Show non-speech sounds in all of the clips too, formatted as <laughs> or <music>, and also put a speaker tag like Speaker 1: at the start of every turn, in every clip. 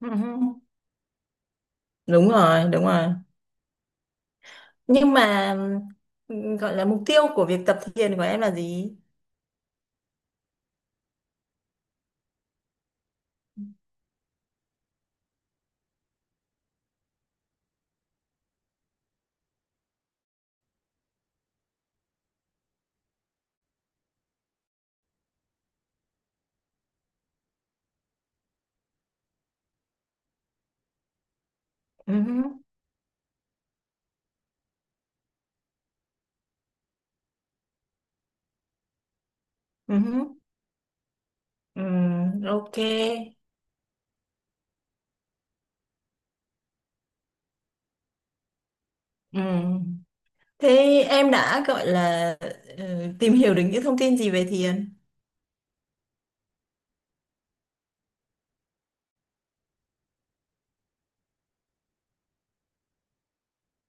Speaker 1: Ừ, đúng rồi, đúng rồi. Nhưng mà gọi là mục tiêu của việc tập thiền của em là gì? Ừ, ừ, ừ, ok. Ừ. Thế em đã gọi là ừ, tìm hiểu được những thông tin gì về thiền?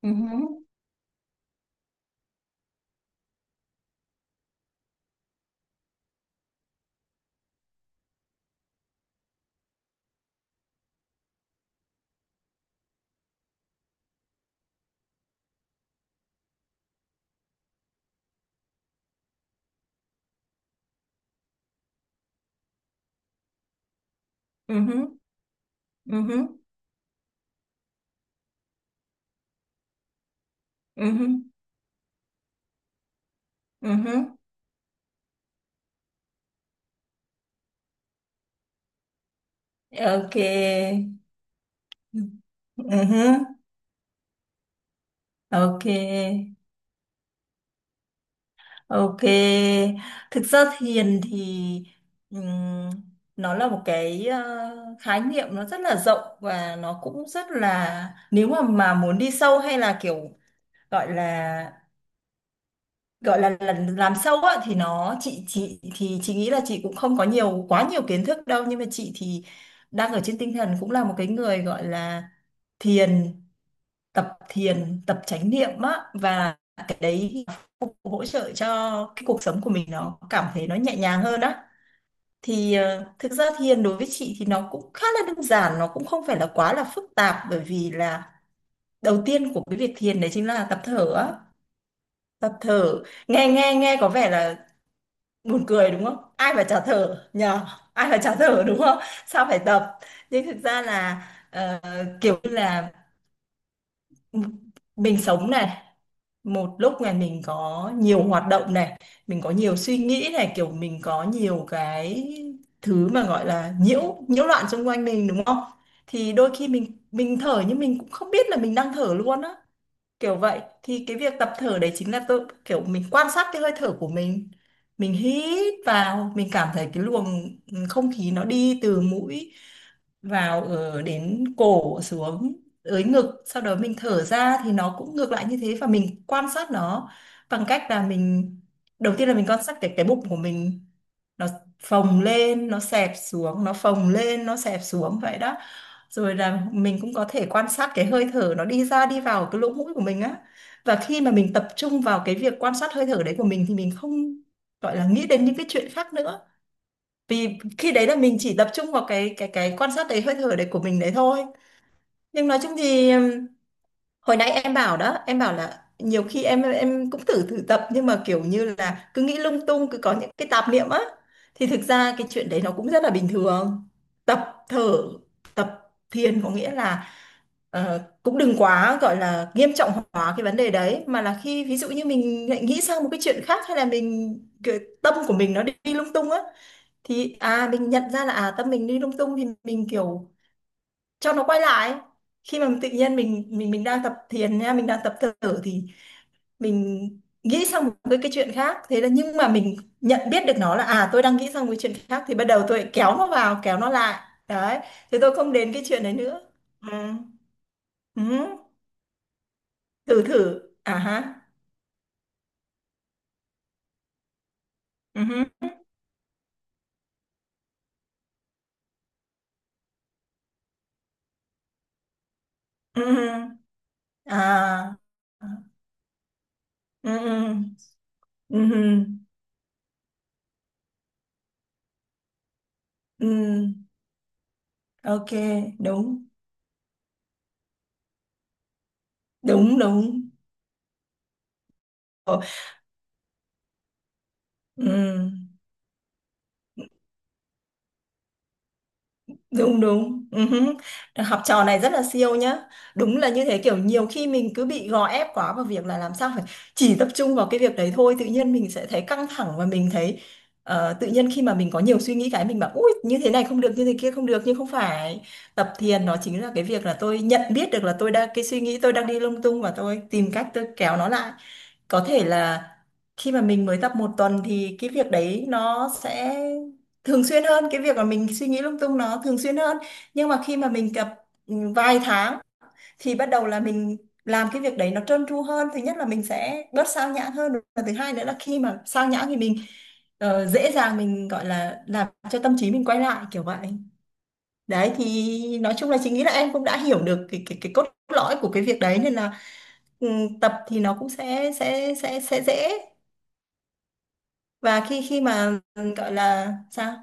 Speaker 1: Ừ, ừ, ừ, ừ, ừ, ừ. Ok. Ừ, ok. Ok, thực ra thiền thì ừm, nó là một cái khái niệm nó rất là rộng, và nó cũng rất là, nếu mà muốn đi sâu hay là kiểu gọi là là làm sâu á, thì nó chị thì chị nghĩ là chị cũng không có nhiều quá nhiều kiến thức đâu, nhưng mà chị thì đang ở trên tinh thần cũng là một cái người gọi là thiền tập thiền, tập chánh niệm á, và cái đấy cũng hỗ trợ cho cái cuộc sống của mình, nó cảm thấy nó nhẹ nhàng hơn á. Thì thực ra thiền đối với chị thì nó cũng khá là đơn giản, nó cũng không phải là quá là phức tạp, bởi vì là đầu tiên của cái việc thiền đấy chính là tập thở á, tập thở. Nghe nghe nghe có vẻ là buồn cười, đúng không? Ai mà chả thở nhờ. Ai mà chả thở, đúng không? Sao phải tập? Nhưng thực ra là ờ, kiểu như là, ừ, mình sống này, một lúc này mình có nhiều hoạt động này, mình có nhiều suy nghĩ này, kiểu mình có nhiều cái thứ mà gọi là nhiễu nhiễu loạn xung quanh mình, đúng không? Thì đôi khi mình thở, nhưng mình cũng không biết là mình đang thở luôn á, kiểu vậy. Thì cái việc tập thở đấy chính là tôi kiểu mình quan sát cái hơi thở của mình. Mình hít vào, mình cảm thấy cái luồng không khí nó đi từ mũi vào, ở đến cổ, xuống tới ngực, sau đó mình thở ra thì nó cũng ngược lại như thế, và mình quan sát nó bằng cách là mình, đầu tiên là mình quan sát cái bụng của mình, nó phồng lên nó xẹp xuống, nó phồng lên nó xẹp xuống, vậy đó. Rồi là mình cũng có thể quan sát cái hơi thở nó đi ra đi vào cái lỗ mũi của mình á. Và khi mà mình tập trung vào cái việc quan sát hơi thở đấy của mình thì mình không gọi là nghĩ đến những cái chuyện khác nữa, vì khi đấy là mình chỉ tập trung vào cái quan sát đấy, hơi thở đấy của mình đấy thôi. Nhưng nói chung thì hồi nãy em bảo đó, em bảo là nhiều khi em cũng thử thử tập, nhưng mà kiểu như là cứ nghĩ lung tung, cứ có những cái tạp niệm á, thì thực ra cái chuyện đấy nó cũng rất là bình thường. Tập thở, tập thiền có nghĩa là cũng đừng quá gọi là nghiêm trọng hóa cái vấn đề đấy, mà là khi ví dụ như mình lại nghĩ sang một cái chuyện khác, hay là mình, cái tâm của mình nó đi lung tung á, thì à mình nhận ra là à tâm mình đi lung tung, thì mình kiểu cho nó quay lại. Khi mà tự nhiên mình đang tập thiền nha, mình đang tập thở, thì mình nghĩ sang một cái chuyện khác, thế là, nhưng mà mình nhận biết được nó là à tôi đang nghĩ sang một cái chuyện khác, thì bắt đầu tôi kéo nó vào, kéo nó lại. Đấy, thế tôi không đến cái chuyện đấy nữa. Ừ. Ừ. Thử thử, à ha. Ừ hứ. Ừ. Ừ. À. Ừ. Ừ. Ừ hứ. Ừ. Ok. Đúng, đúng, đúng. Ồ, ừ. Đúng, đúng, ừ hứ. Học trò này rất là siêu nhá. Đúng là như thế, kiểu nhiều khi mình cứ bị gò ép quá vào việc là làm sao phải chỉ tập trung vào cái việc đấy thôi, tự nhiên mình sẽ thấy căng thẳng, và mình thấy tự nhiên khi mà mình có nhiều suy nghĩ cái mình bảo ui như thế này không được, như thế kia không được, nhưng không phải. Tập thiền nó chính là cái việc là tôi nhận biết được là tôi đang, cái suy nghĩ tôi đang đi lung tung, và tôi tìm cách tôi kéo nó lại. Có thể là khi mà mình mới tập một tuần thì cái việc đấy nó sẽ thường xuyên hơn, cái việc mà mình suy nghĩ lung tung nó thường xuyên hơn. Nhưng mà khi mà mình tập vài tháng, thì bắt đầu là mình làm cái việc đấy nó trơn tru hơn. Thứ nhất là mình sẽ bớt sao nhãng hơn, và thứ hai nữa là khi mà sao nhãng thì mình dễ dàng mình gọi là làm cho tâm trí mình quay lại, kiểu vậy. Đấy, thì nói chung là chị nghĩ là em cũng đã hiểu được cái cốt lõi của cái việc đấy, nên là ừ, tập thì nó cũng sẽ dễ. Và khi khi mà gọi là sao.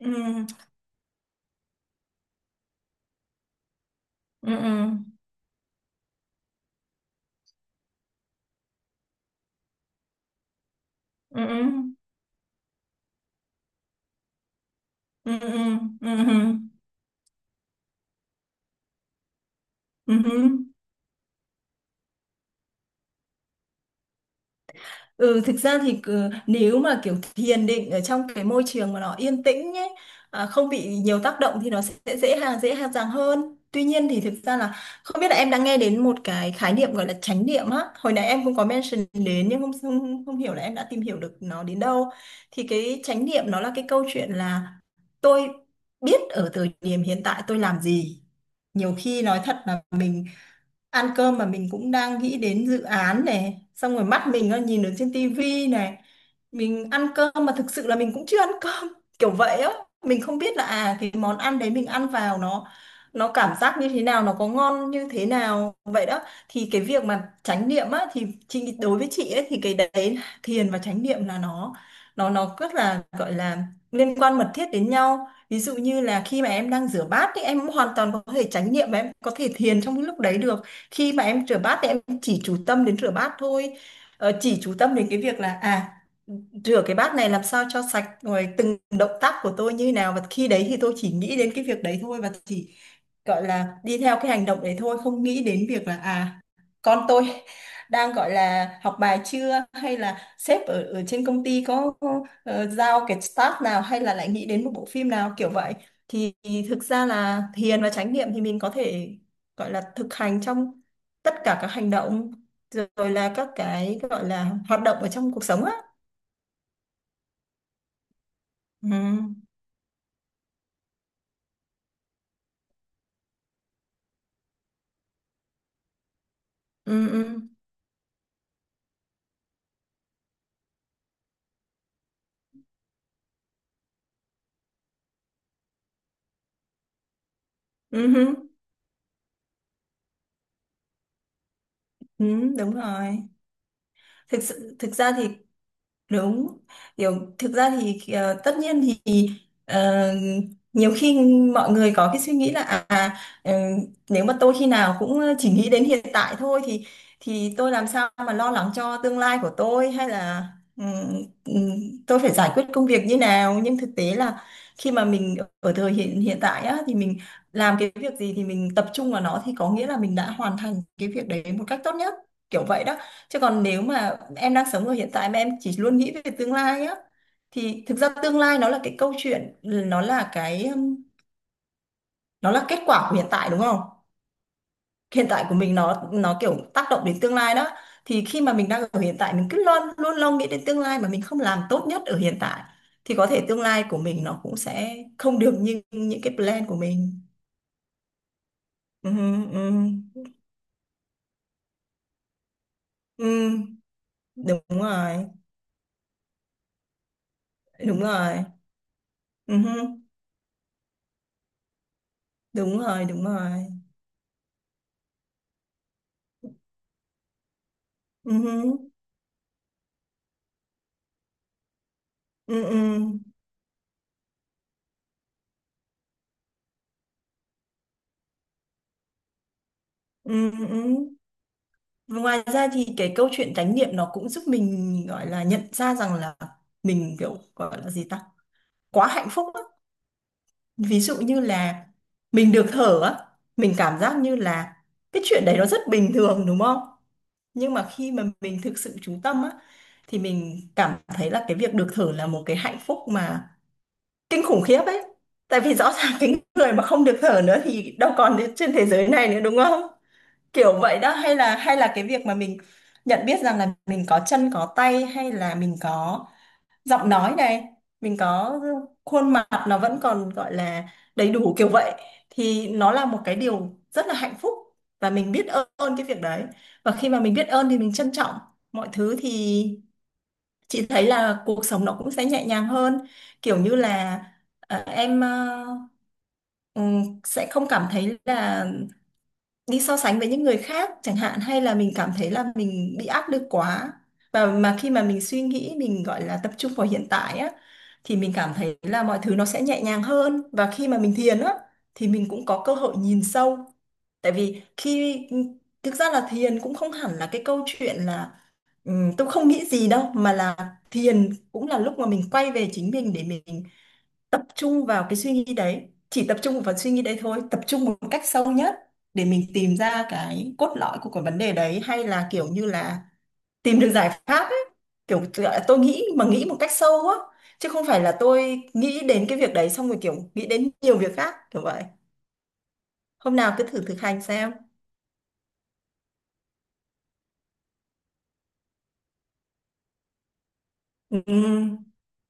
Speaker 1: Ừ, ừ, ừ, ừ, ừ, ừ, ừ, ừ, ừ, ừ, ừ. Ừ. Ừ, thực ra thì nếu mà kiểu thiền định ở trong cái môi trường mà nó yên tĩnh nhé, à, không bị nhiều tác động thì nó sẽ dễ dàng hơn. Tuy nhiên thì thực ra là, không biết là em đã nghe đến một cái khái niệm gọi là chánh niệm á. Hồi nãy em cũng có mention đến, nhưng không không, không hiểu là em đã tìm hiểu được nó đến đâu. Thì cái chánh niệm nó là cái câu chuyện là tôi biết ở thời điểm hiện tại tôi làm gì. Nhiều khi nói thật là mình ăn cơm mà mình cũng đang nghĩ đến dự án này, xong rồi mắt mình nó nhìn ở trên tivi này, mình ăn cơm mà thực sự là mình cũng chưa ăn cơm <laughs> kiểu vậy á. Mình không biết là à cái món ăn đấy mình ăn vào nó cảm giác như thế nào, nó có ngon như thế nào, vậy đó. Thì cái việc mà chánh niệm á, thì chị, đối với chị ấy thì cái đấy, thiền và chánh niệm là nó rất là gọi là liên quan mật thiết đến nhau. Ví dụ như là khi mà em đang rửa bát thì em hoàn toàn có thể chánh niệm, và em có thể thiền trong cái lúc đấy được. Khi mà em rửa bát thì em chỉ chú tâm đến rửa bát thôi, chỉ chú tâm đến cái việc là à rửa cái bát này làm sao cho sạch, rồi từng động tác của tôi như thế nào, và khi đấy thì tôi chỉ nghĩ đến cái việc đấy thôi, và chỉ gọi là đi theo cái hành động đấy thôi, không nghĩ đến việc là à con tôi đang gọi là học bài chưa, hay là sếp ở ở trên công ty có giao cái task nào, hay là lại nghĩ đến một bộ phim nào, kiểu vậy. Thì thực ra là thiền và chánh niệm thì mình có thể gọi là thực hành trong tất cả các hành động, rồi là các cái gọi là hoạt động ở trong cuộc sống á. Ừ, ừ, ừ, ừ, ừ, ừ, đúng rồi. Thực sự, thực ra thì đúng, kiểu thực ra thì tất nhiên thì ờ, nhiều khi mọi người có cái suy nghĩ là à ờ, nếu mà tôi khi nào cũng chỉ nghĩ đến hiện tại thôi thì tôi làm sao mà lo lắng cho tương lai của tôi, hay là ừm, ừm, tôi phải giải quyết công việc như nào, nhưng thực tế là khi mà mình ở thời hiện hiện tại á, thì mình làm cái việc gì thì mình tập trung vào nó, thì có nghĩa là mình đã hoàn thành cái việc đấy một cách tốt nhất, kiểu vậy đó. Chứ còn nếu mà em đang sống ở hiện tại mà em chỉ luôn nghĩ về tương lai á, thì thực ra tương lai nó là cái câu chuyện, nó là cái nó là kết quả của hiện tại, đúng không? Hiện tại của mình nó kiểu tác động đến tương lai đó. Thì khi mà mình đang ở hiện tại mình cứ luôn luôn luôn nghĩ đến tương lai mà mình không làm tốt nhất ở hiện tại, thì có thể tương lai của mình nó cũng sẽ không được như những cái plan của mình. Ừ, ừ, ừ, đúng rồi, đúng rồi, ừ, đúng rồi, đúng rồi. Ừ. Ừ, ừ, ừ, ừ. Ừ. Và ngoài ra thì cái câu chuyện chánh niệm nó cũng giúp mình gọi là nhận ra rằng là mình, kiểu gọi là gì ta, quá hạnh phúc á. Ví dụ như là mình được thở á, mình cảm giác như là cái chuyện đấy nó rất bình thường, đúng không? Nhưng mà khi mà mình thực sự chú tâm á, thì mình cảm thấy là cái việc được thở là một cái hạnh phúc mà kinh khủng khiếp ấy. Tại vì rõ ràng <laughs> cái người mà không được thở nữa thì đâu còn trên thế giới này nữa, đúng không? Kiểu vậy đó, hay là cái việc mà mình nhận biết rằng là mình có chân có tay, hay là mình có giọng nói này, mình có khuôn mặt nó vẫn còn gọi là đầy đủ, kiểu vậy, thì nó là một cái điều rất là hạnh phúc, và mình biết ơn cái việc đấy. Và khi mà mình biết ơn thì mình trân trọng mọi thứ, thì chị thấy là cuộc sống nó cũng sẽ nhẹ nhàng hơn. Kiểu như là em ừ, sẽ không cảm thấy là đi so sánh với những người khác chẳng hạn, hay là mình cảm thấy là mình bị áp lực quá. Và khi mà mình suy nghĩ, mình gọi là tập trung vào hiện tại á, thì mình cảm thấy là mọi thứ nó sẽ nhẹ nhàng hơn. Và khi mà mình thiền á thì mình cũng có cơ hội nhìn sâu, tại vì khi, thực ra là thiền cũng không hẳn là cái câu chuyện là tôi không nghĩ gì đâu, mà là thiền cũng là lúc mà mình quay về chính mình để mình tập trung vào cái suy nghĩ đấy, chỉ tập trung vào suy nghĩ đấy thôi, tập trung một cách sâu nhất, để mình tìm ra cái cốt lõi của cái vấn đề đấy, hay là kiểu như là tìm được giải pháp ấy, kiểu tôi nghĩ mà nghĩ một cách sâu á, chứ không phải là tôi nghĩ đến cái việc đấy xong rồi kiểu nghĩ đến nhiều việc khác, kiểu vậy. Hôm nào cứ thử thực hành xem. Ừ,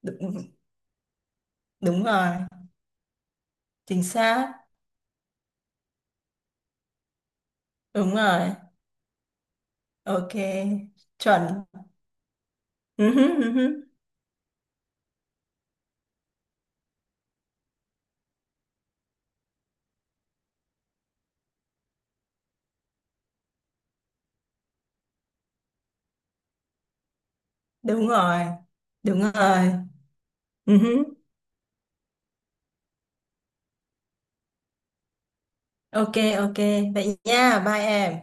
Speaker 1: đúng, đúng rồi, chính xác. Đúng rồi. Ok. Chuẩn. Ừ hứ, ừ hứ. Đúng rồi, đúng rồi. Ừ hứ. Ok, ok. Vậy nha, bye em.